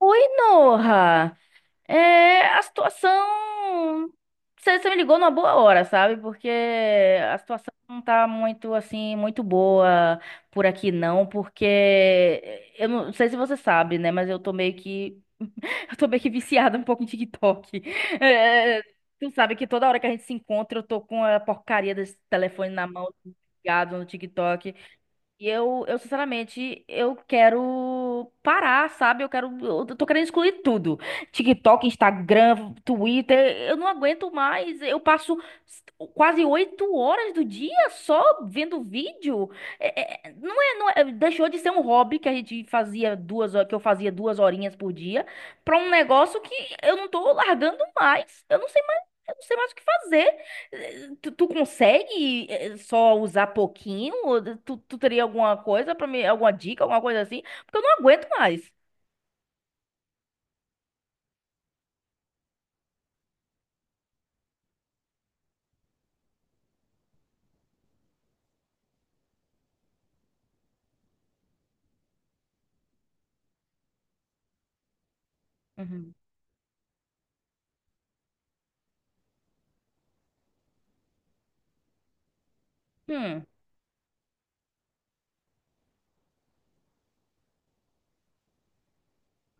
Oi, Norra. É, a situação. Você me ligou numa boa hora, sabe? Porque a situação não tá muito, assim, muito boa por aqui, não. Porque eu não sei se você sabe, né? Mas eu tô meio que. Eu tô meio que viciada um pouco em TikTok. É, tu sabe que toda hora que a gente se encontra, eu tô com a porcaria desse telefone na mão, ligado no TikTok. E eu, sinceramente, eu quero parar, sabe? Eu quero. Eu tô querendo excluir tudo. TikTok, Instagram, Twitter. Eu não aguento mais. Eu passo quase 8 horas do dia só vendo vídeo. É- é- é, não é, não é- deixou de ser um hobby que a gente fazia duas, ho- que eu fazia 2 horinhas por dia, pra um negócio que eu não tô largando mais. Eu não sei mais, eu não sei mais o que fazer. Tu consegue só usar pouquinho? Ou tu teria alguma coisa alguma dica, alguma coisa assim? Porque eu não aguento mais. Uhum. Hum,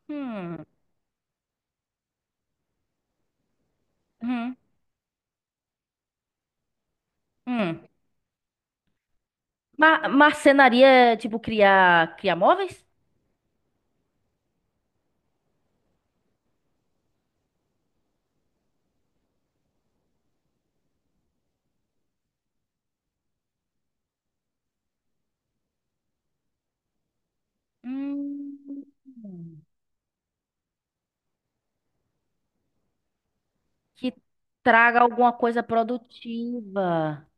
hum, hum, hum. Ma marcenaria, é, tipo, criar móveis? Hum, que traga alguma coisa produtiva.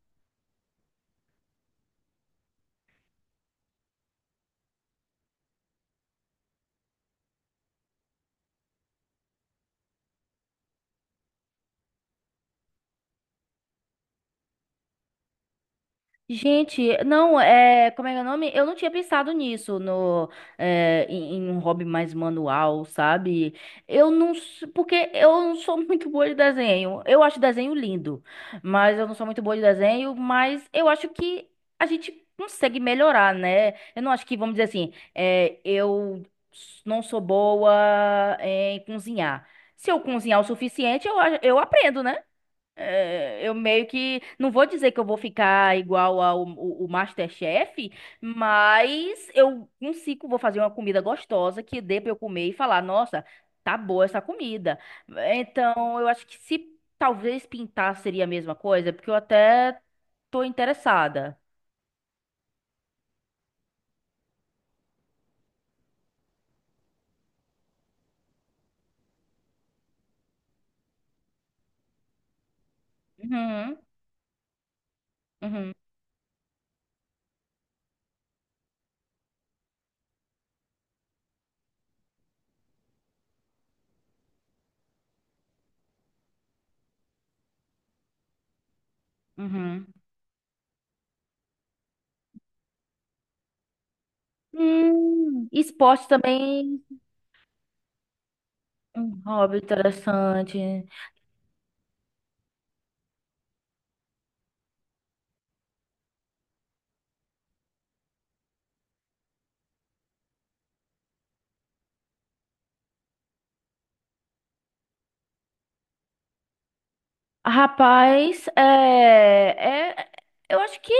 Gente, não, é, como é que é o nome? Eu não tinha pensado nisso no, é, em, em um hobby mais manual, sabe? Eu não, s- porque eu não sou muito boa de desenho. Eu acho desenho lindo, mas eu não sou muito boa de desenho, mas eu acho que a gente consegue melhorar, né? Eu não acho que, vamos dizer assim, eu não sou boa em cozinhar. Se eu cozinhar o suficiente, eu aprendo, né? É, eu meio que. Não vou dizer que eu vou ficar igual ao o MasterChef, mas eu consigo, vou fazer uma comida gostosa que dê pra eu comer e falar, nossa, tá boa essa comida. Então, eu acho que se talvez pintar seria a mesma coisa, porque eu até tô interessada. Uhum, uhum, uhum. Esporte também. Um hobby interessante. Rapaz, eu acho que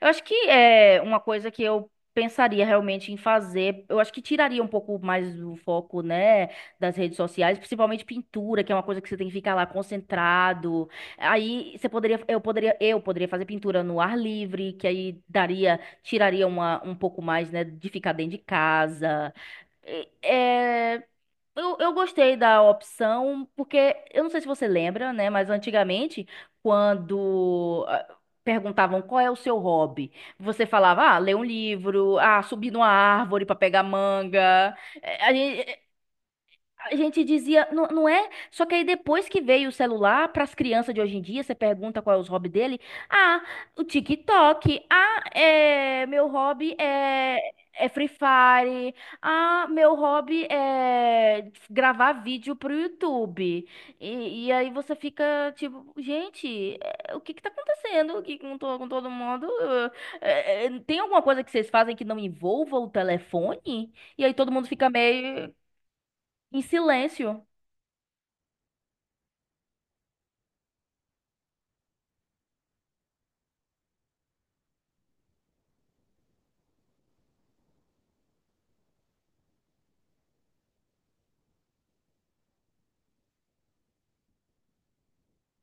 é uma coisa que eu pensaria realmente em fazer. Eu acho que tiraria um pouco mais do foco, né, das redes sociais, principalmente pintura, que é uma coisa que você tem que ficar lá concentrado. Aí você poderia, eu poderia, eu poderia fazer pintura no ar livre, que aí tiraria um pouco mais, né, de ficar dentro de casa. é eu gostei da opção, porque eu não sei se você lembra, né? Mas antigamente, quando perguntavam qual é o seu hobby, você falava, ah, ler um livro, ah, subir numa árvore para pegar manga. A gente dizia, não, não é? Só que aí depois que veio o celular, para as crianças de hoje em dia, você pergunta qual é os hobby dele. Ah, o TikTok. Ah, é, meu hobby é Free Fire. Ah, meu hobby é gravar vídeo pro YouTube. E aí você fica tipo, gente, o que que tá acontecendo aqui com todo mundo? Tem alguma coisa que vocês fazem que não envolva o telefone? E aí todo mundo fica meio em silêncio.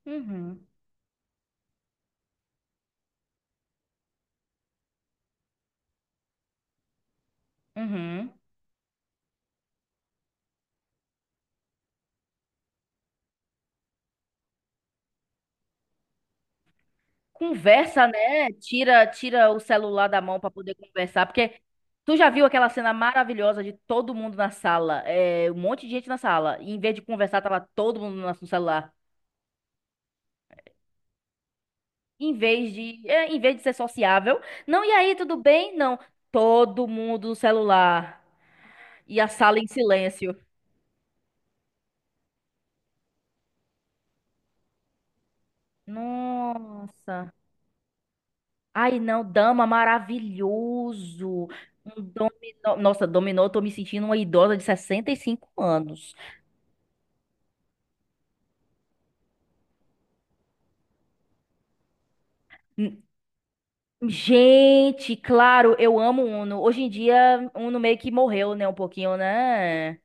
Uhum, uhum. Conversa, né? Tira o celular da mão pra poder conversar, porque tu já viu aquela cena maravilhosa de todo mundo na sala, um monte de gente na sala, e em vez de conversar, tava todo mundo no celular. Em vez de ser sociável, não, e aí, tudo bem? Não, todo mundo no celular e a sala em silêncio. Nossa. Ai, não, dama, maravilhoso. Um dominó. Nossa, dominó, eu tô me sentindo uma idosa de 65 anos. N- Gente, claro, eu amo Uno. Hoje em dia, Uno meio que morreu, né? Um pouquinho, né?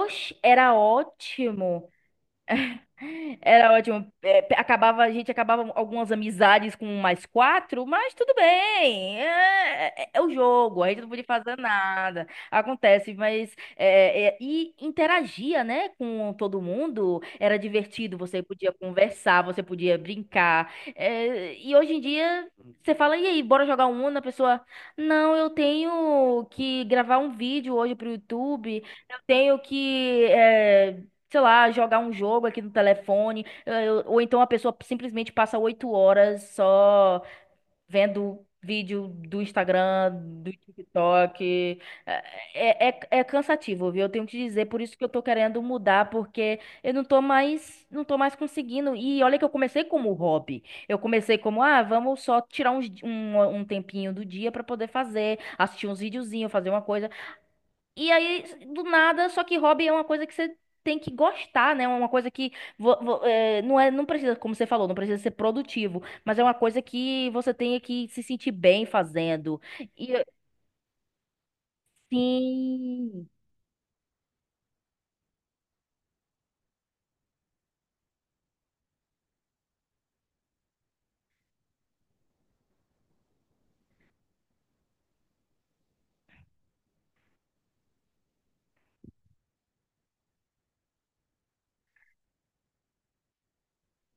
Oxi, era ótimo. Era ótimo. É, a gente acabava algumas amizades com mais quatro, mas tudo bem. É o jogo, a gente não podia fazer nada. Acontece, mas. E interagia, né, com todo mundo. Era divertido, você podia conversar, você podia brincar. É, e hoje em dia, você fala, e aí, bora jogar um Uno? A pessoa, não, eu tenho que gravar um vídeo hoje pro YouTube. Eu tenho que. Sei lá, jogar um jogo aqui no telefone, ou então a pessoa simplesmente passa 8 horas só vendo vídeo do Instagram, do TikTok. É cansativo, viu? Eu tenho que te dizer, por isso que eu tô querendo mudar, porque eu não tô mais conseguindo. E olha que eu comecei como hobby. Eu comecei como, vamos só tirar um tempinho do dia pra poder fazer, assistir uns videozinhos, fazer uma coisa. E aí, do nada, só que hobby é uma coisa que você tem que gostar, né? Uma coisa que não precisa, como você falou, não precisa ser produtivo, mas é uma coisa que você tem que se sentir bem fazendo. E assim,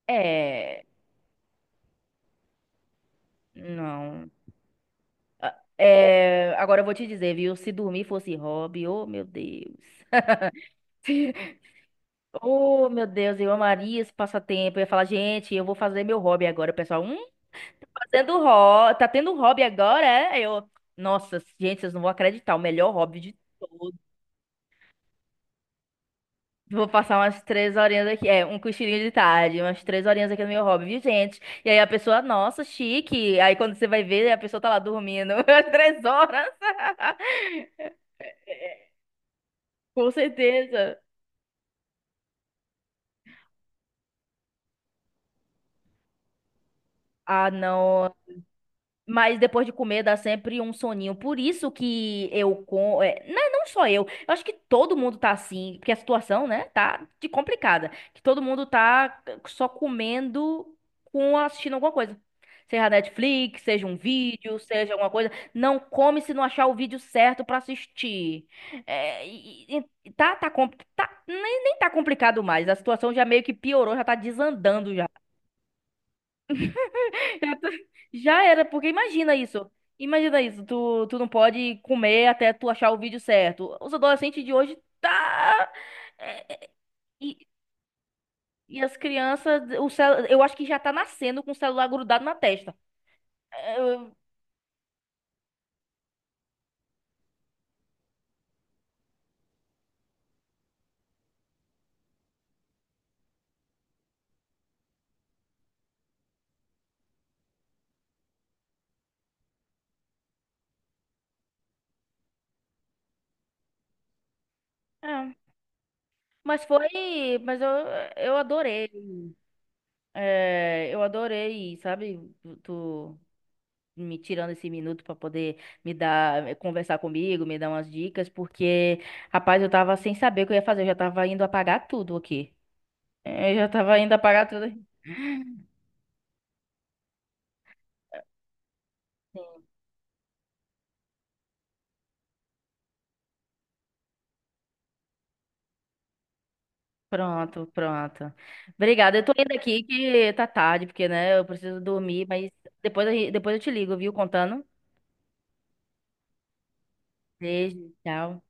é, não. É, agora eu vou te dizer, viu? Se dormir fosse hobby, oh meu Deus. Oh, meu Deus, eu amaria esse passatempo. Eu ia falar, gente, eu vou fazer meu hobby agora, o pessoal. Fazendo hobby, tá tendo um hobby agora, é? Nossa, gente, vocês não vão acreditar, o melhor hobby de todos. Vou passar umas 3 horinhas aqui, um cochilinho de tarde, umas 3 horinhas aqui no meu hobby, viu, gente? E aí a pessoa, nossa, chique. Aí quando você vai ver, a pessoa tá lá dormindo, às 3 horas. Com certeza. Ah, não. Mas depois de comer dá sempre um soninho. Por isso que eu não, não só eu, acho que todo mundo tá assim, porque a situação, né, tá de complicada, que todo mundo tá só comendo com assistindo alguma coisa. Seja Netflix, seja um vídeo, seja alguma coisa, não come se não achar o vídeo certo pra assistir. Nem tá complicado mais. A situação já meio que piorou, já tá desandando já. Eu tô- Já era, porque imagina isso. Imagina isso, tu não pode comer até tu achar o vídeo certo. Os adolescentes de hoje tá. é, E, e as crianças, eu acho que já tá nascendo com o celular grudado na testa. É, eu- é, Mas foi. Mas eu adorei. É, eu adorei, sabe? Tu me tirando esse minuto pra poder conversar comigo, me dar umas dicas, porque, rapaz, eu tava sem saber o que eu ia fazer, eu já tava indo apagar tudo aqui. Eu já tava indo apagar tudo. Pronto, pronto. Obrigada. Eu tô indo aqui que tá tarde, porque, né, eu preciso dormir, mas depois, depois eu te ligo, viu? Contando. Beijo, tchau.